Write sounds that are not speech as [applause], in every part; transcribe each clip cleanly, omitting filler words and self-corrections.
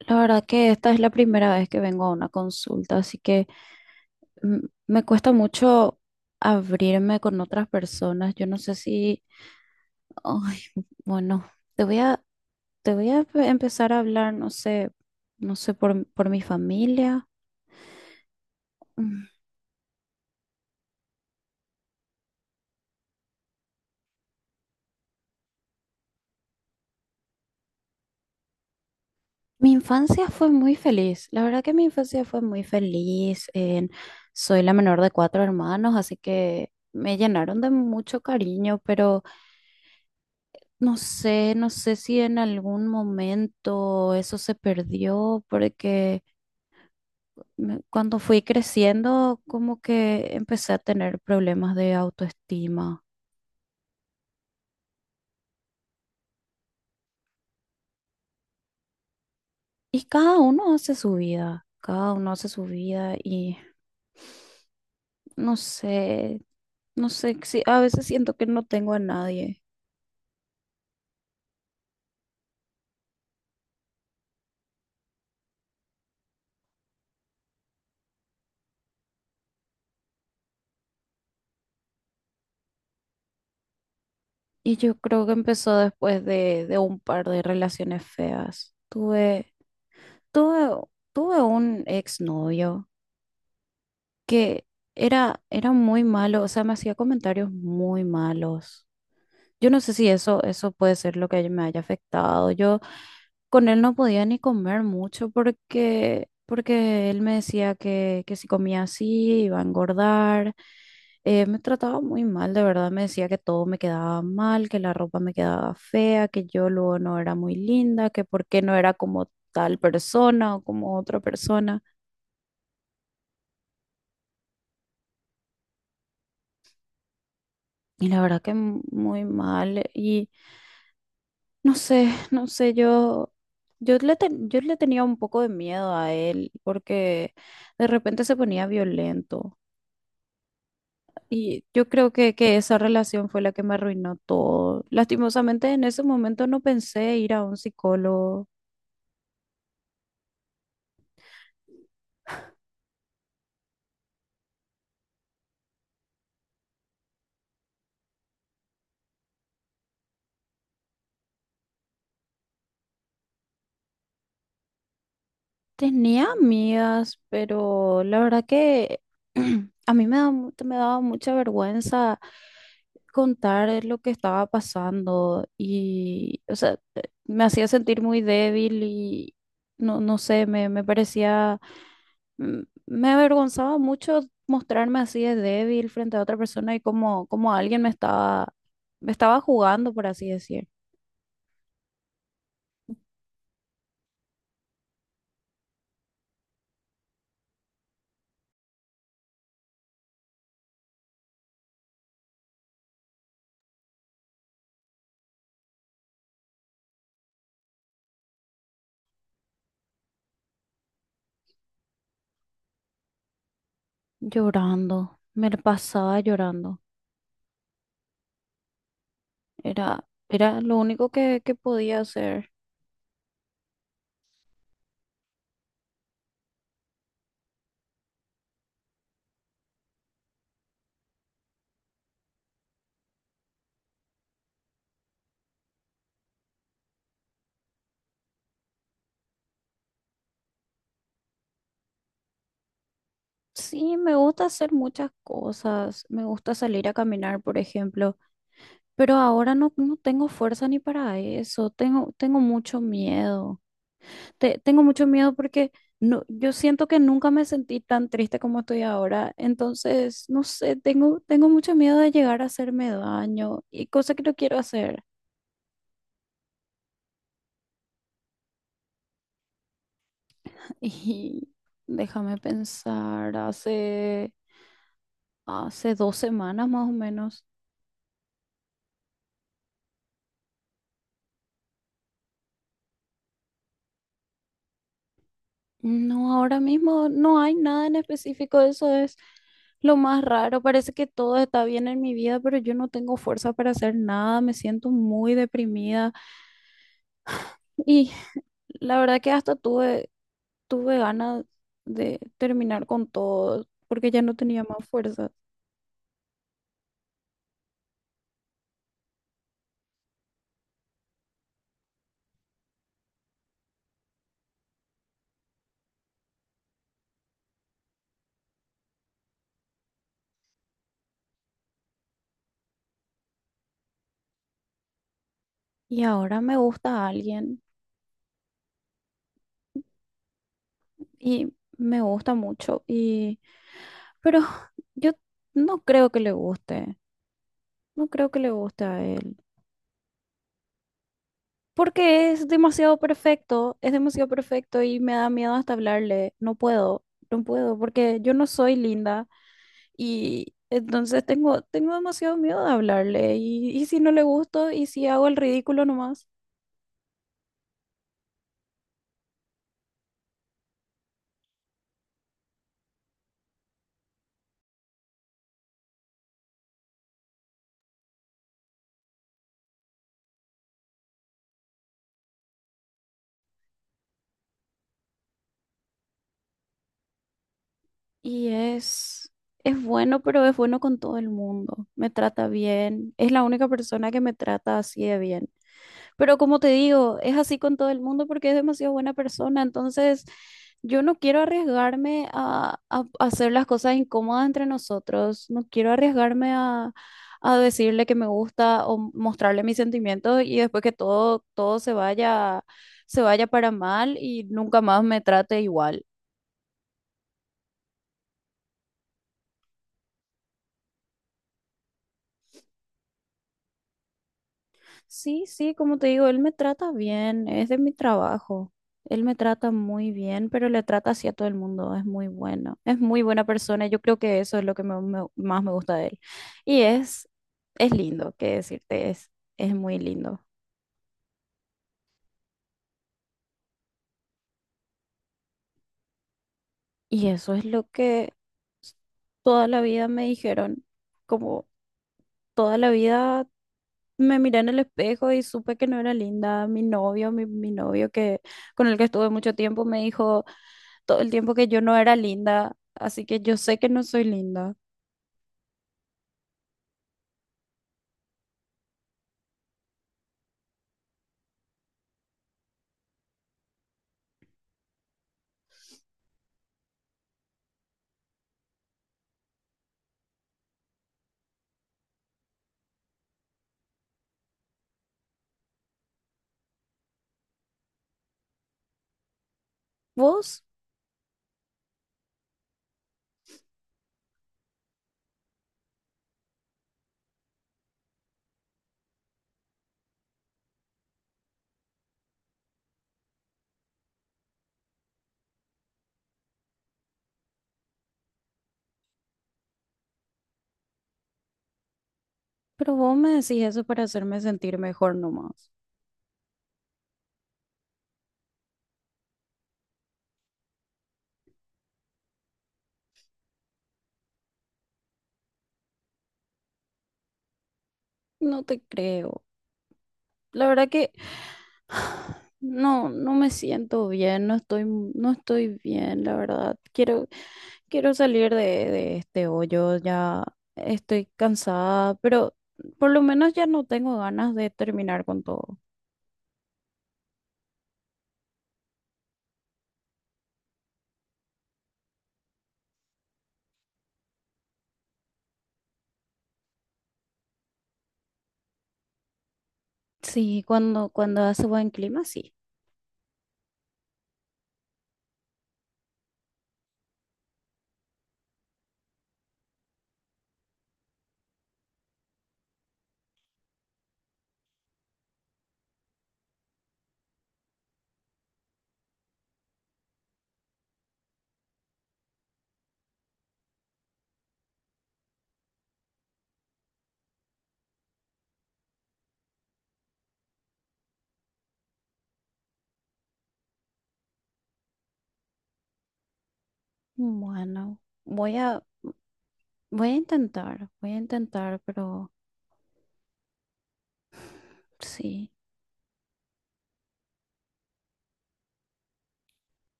La verdad que esta es la primera vez que vengo a una consulta, así que mm, me cuesta mucho abrirme con otras personas. Yo no sé si, ay, bueno, te voy a, te voy a empezar a hablar, no sé, por mi familia. Mm, Mi infancia fue muy feliz. La verdad que mi infancia fue muy feliz. Soy la menor de cuatro hermanos, así que me llenaron de mucho cariño, pero no sé, no sé si en algún momento eso se perdió, porque cuando fui creciendo, como que empecé a tener problemas de autoestima. Y cada uno hace su vida, cada uno hace su vida y no sé, no sé, si, a veces siento que no tengo a nadie. Y yo creo que empezó después de un par de relaciones feas. Tuve, Tuve un exnovio que era muy malo, o sea, me hacía comentarios muy malos. Yo no sé si eso puede ser lo que me haya afectado. Yo con él no podía ni comer mucho porque, porque él me decía que si comía así iba a engordar. Me trataba muy mal, de verdad, me decía que todo me quedaba mal, que la ropa me quedaba fea, que yo luego no era muy linda, que por qué no era como tal persona o como otra persona. Y la verdad que muy mal. Y no sé, yo le tenía un poco de miedo a él porque de repente se ponía violento y yo creo que esa relación fue la que me arruinó todo. Lastimosamente en ese momento no pensé ir a un psicólogo. Tenía amigas, pero la verdad que [clears throat] a mí me da me daba mucha vergüenza contar lo que estaba pasando y, o sea, me hacía sentir muy débil y no, me parecía, mm, me avergonzaba mucho mostrarme así de débil frente a otra persona y como, como alguien me estaba jugando, por así decir, llorando, me la pasaba llorando. Era lo único que podía hacer. Sí, me gusta hacer muchas cosas, me gusta salir a caminar, por ejemplo, pero ahora no, no tengo fuerza ni para eso, tengo mucho miedo. Tengo mucho miedo porque no, yo siento que nunca me sentí tan triste como estoy ahora. Entonces, no sé, tengo mucho miedo de llegar a hacerme daño y cosa que no quiero hacer. [laughs] Y déjame pensar, hace dos semanas más o menos. No, ahora mismo no hay nada en específico, eso es lo más raro. Parece que todo está bien en mi vida, pero yo no tengo fuerza para hacer nada, me siento muy deprimida. Y la verdad que hasta tuve ganas de terminar con todo porque ya no tenía más fuerza. Y ahora me gusta alguien y me gusta mucho y pero yo no creo que le guste. No creo que le guste a él. Porque es demasiado perfecto y me da miedo hasta hablarle. No puedo, no puedo, porque yo no soy linda y entonces tengo demasiado miedo de hablarle. Y si no le gusto y si hago el ridículo nomás. Y es bueno, pero es bueno con todo el mundo. Me trata bien. Es la única persona que me trata así de bien. Pero como te digo, es así con todo el mundo porque es demasiado buena persona. Entonces, yo no quiero arriesgarme a hacer las cosas incómodas entre nosotros. No quiero arriesgarme a decirle que me gusta o mostrarle mis sentimientos y después que todo, todo se vaya para mal y nunca más me trate igual. Sí, sí, como te digo, él me trata bien, es de mi trabajo. Él me trata muy bien, pero le trata así a todo el mundo, es muy bueno, es muy buena persona, yo creo que eso es lo que más me gusta de él. Y es lindo, qué decirte, es muy lindo. Y eso es lo que s- toda la vida me dijeron, como toda la vida me miré en el espejo y supe que no era linda. Mi novio que con el que estuve mucho tiempo, me dijo todo el tiempo que yo no era linda, así que yo sé que no soy linda. Vos, pero vos me decís eso para hacerme sentir mejor nomás. No te creo. La verdad que no, no me siento bien, no estoy bien, la verdad. Quiero salir de este hoyo, ya estoy cansada, pero por lo menos ya no tengo ganas de terminar con todo. Sí, cuando, cuando hace buen clima, sí. Bueno, voy a, voy a intentar, pero sí,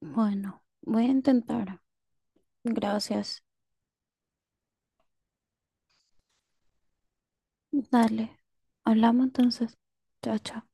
bueno, voy a intentar. Gracias. Dale, hablamos entonces. Chao, chao.